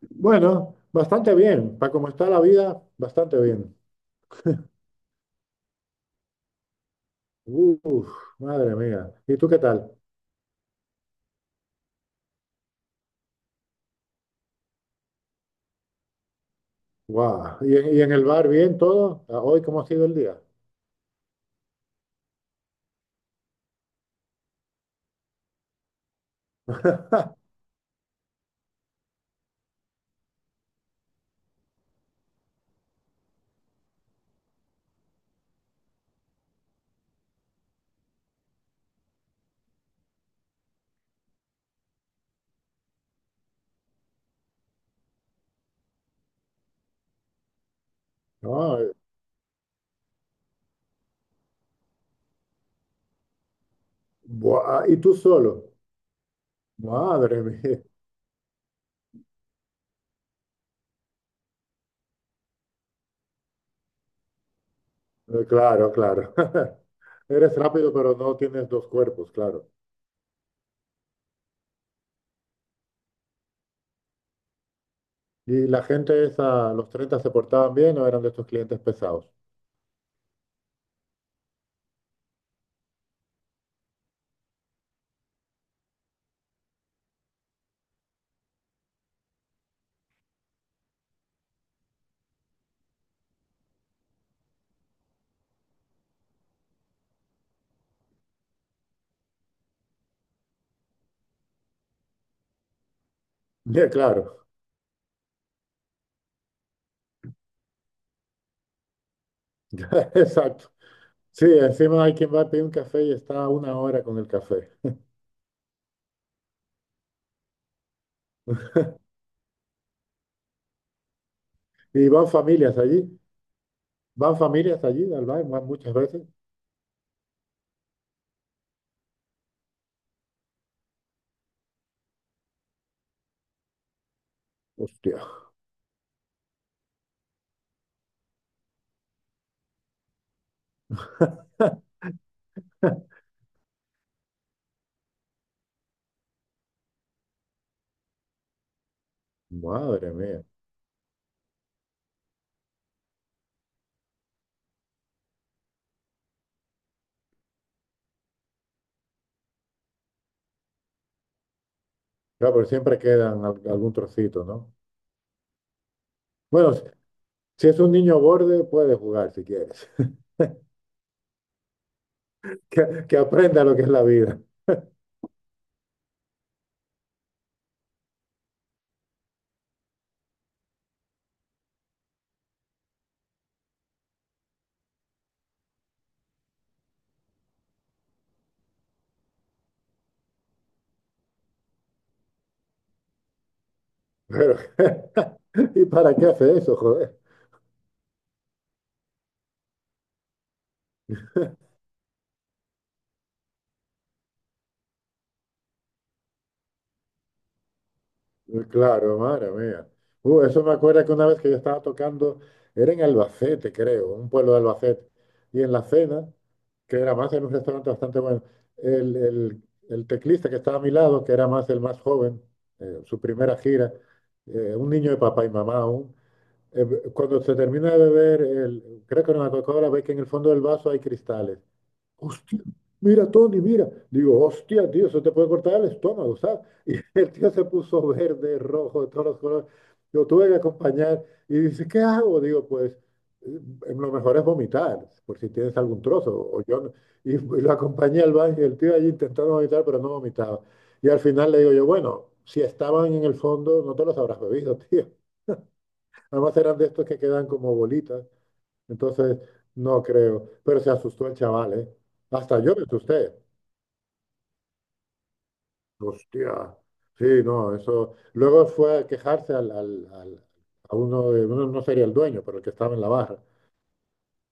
Bueno, bastante bien. Para cómo está la vida, bastante bien. Uf, madre mía. ¿Y tú qué tal? Guau. ¿Y en el bar bien todo? ¿Hoy cómo ha sido el día? Ah, buah. ¿Y tú solo? Madre mía. Claro, claro. Eres rápido, pero no tienes dos cuerpos, claro. ¿Y la gente esa, los 30 se portaban bien o eran de estos clientes pesados? Bien, claro. Exacto. Sí, encima hay quien va a pedir un café y está una hora con el café. ¿Y van familias allí? Van familias allí al baile van muchas veces. Hostia, madre mía. Claro, pero siempre quedan algún trocito, ¿no? Bueno, si es un niño borde, puede jugar si quieres. Que aprenda lo que es la vida. Pero, ¿y para qué hace eso, joder? Claro, madre mía. Eso me acuerda que una vez que yo estaba tocando, era en Albacete, creo, un pueblo de Albacete, y en la cena, que era más en un restaurante bastante bueno, el, el- el teclista que estaba a mi lado, que era más el más joven, su primera gira, un niño de papá y mamá aún, cuando se termina de beber, el, creo que era una Coca-Cola, ve que en el fondo del vaso hay cristales. Hostia, mira, Tony, mira. Digo, hostia, tío, eso te puede cortar el estómago, ¿sabes? Y el tío se puso verde, rojo, de todos los colores. Yo tuve que acompañar y dice, ¿qué hago? Digo, pues eh, lo mejor es vomitar, por si tienes algún trozo. O yo, y lo acompañé al baño y el tío allí intentando vomitar, pero no vomitaba. Y al final le digo yo, bueno, si estaban en el fondo, no te los habrás bebido, tío. Además eran de estos que quedan como bolitas. Entonces, no creo. Pero se asustó el chaval, ¿eh? Hasta yo me asusté. Hostia. Sí, no, eso. Luego fue a quejarse a uno, uno no sería el dueño, pero el que estaba en la barra.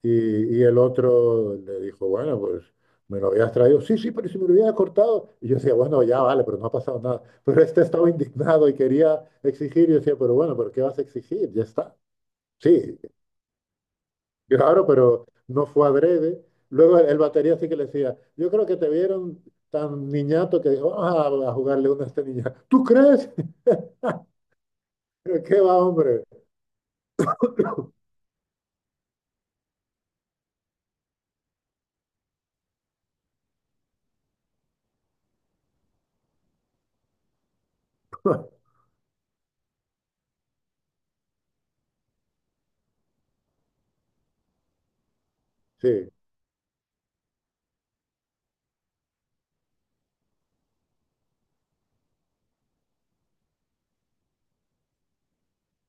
Y el otro le dijo, bueno, pues me lo habías traído. Sí, sí, pero si me lo hubiera cortado. Y yo decía, bueno, ya vale, pero no ha pasado nada. Pero este estaba indignado y quería exigir. Y yo decía, pero bueno, ¿pero qué vas a exigir? Ya está. Sí, claro, pero no fue adrede. Luego el batería sí que le decía, yo creo que te vieron tan niñato que dijo, vamos a jugarle una a este niña. ¿Tú crees? Pero ¿qué va, hombre? Sí,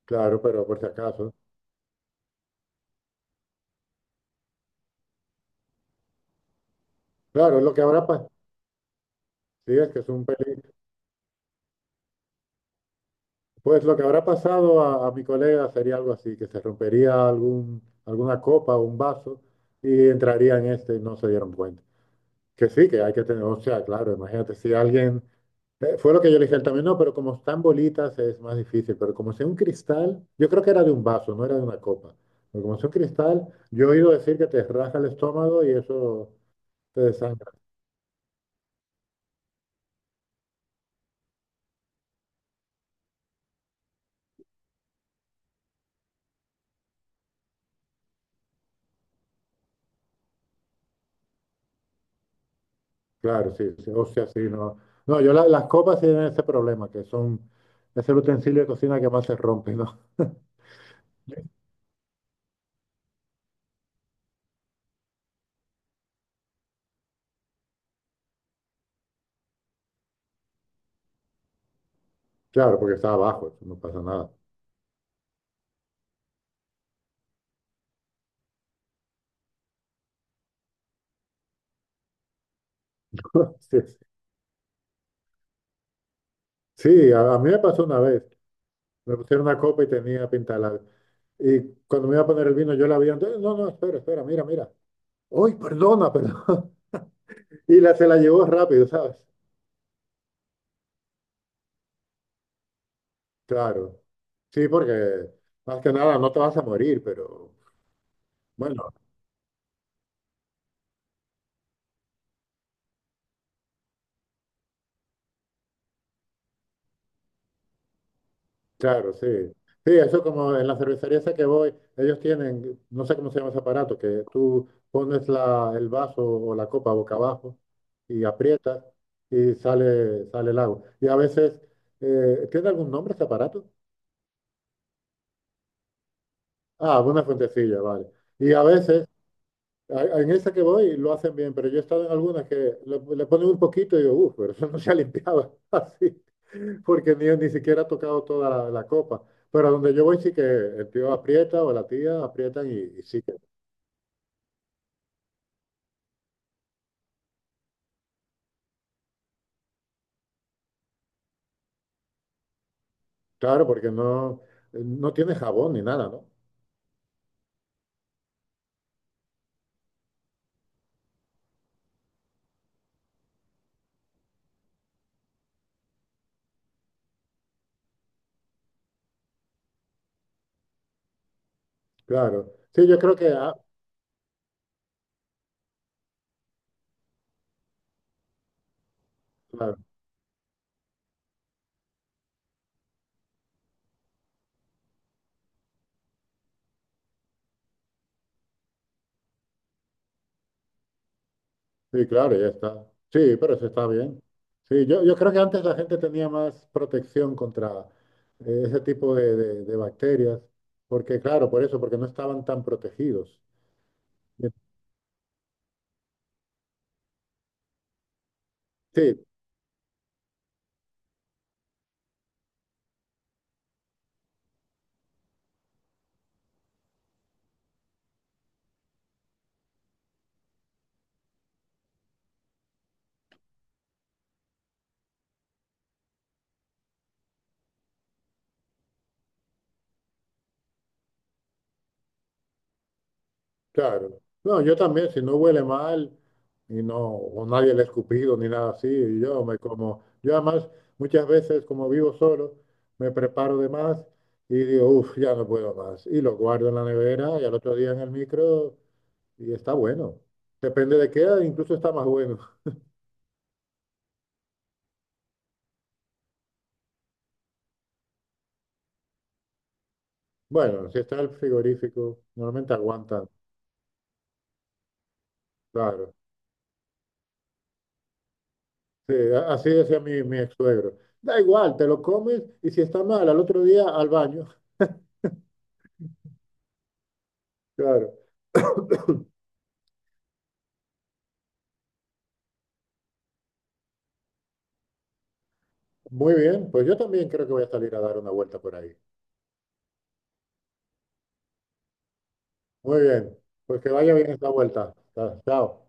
claro, pero por si acaso. Claro, lo que habrá pasado, sí, es que es un pues lo que habrá pasado a mi colega sería algo así, que se rompería algún, alguna copa o un vaso y entraría en este y no se dieron cuenta. Que sí, que hay que tener, o sea, claro, imagínate si alguien fue lo que yo le dije a él también, no, pero como están bolitas es más difícil, pero como sea un cristal, yo creo que era de un vaso, no era de una copa, pero como sea un cristal, yo he oído decir que te raja el estómago y eso te desangra. Claro, sí, sí, o sea, sí, no. No, yo las copas sí tienen ese problema, que son, es el utensilio de cocina que más se rompe, ¿no? Claro, porque está abajo, eso no pasa nada. Sí, sí. Sí, a mí me pasó una vez, me pusieron una copa y tenía pinta de labio. Y cuando me iba a poner el vino, yo la vi antes, no, no, espera, espera, mira, mira. Uy, perdona, perdón. Y la, se la llevó rápido, ¿sabes? Claro. Sí, porque más que nada no te vas a morir, pero bueno, claro, sí. Sí, eso como en la cervecería esa que voy, ellos tienen, no sé cómo se llama ese aparato, que tú pones la, el vaso o la copa boca abajo y aprietas y sale, sale el agua. Y a veces, ¿tiene algún nombre ese aparato? Ah, una fuentecilla, vale. Y a veces en esa que voy lo hacen bien, pero yo he estado en algunas que le ponen un poquito y digo, uff, pero eso no se ha limpiado así, porque ni siquiera ha tocado toda la copa. Pero donde yo voy sí que el tío aprieta o la tía aprietan y sí que, claro, porque no tiene jabón ni nada, ¿no? Claro. Sí, yo creo que, claro. Sí, claro, ya está. Sí, pero eso está bien. Sí, yo creo que antes la gente tenía más protección contra ese tipo de, de bacterias, porque claro, por eso, porque no estaban tan protegidos. Y- sí, claro. No, yo también, si no huele mal y no, o nadie le ha escupido ni nada así, y yo me como, yo además muchas veces como vivo solo, me preparo de más y digo, uff, ya no puedo más. Y lo guardo en la nevera y al otro día en el micro. Y está bueno. Depende de qué, edad incluso está más bueno. Bueno, si está el frigorífico, normalmente aguantan, claro. Sí, a- así decía mi ex suegro. Da igual, te lo comes y si está mal, al otro día al baño. Claro. Muy bien, pues yo también creo que voy a salir a dar una vuelta por ahí. Muy bien, pues que vaya bien esta vuelta. Chao.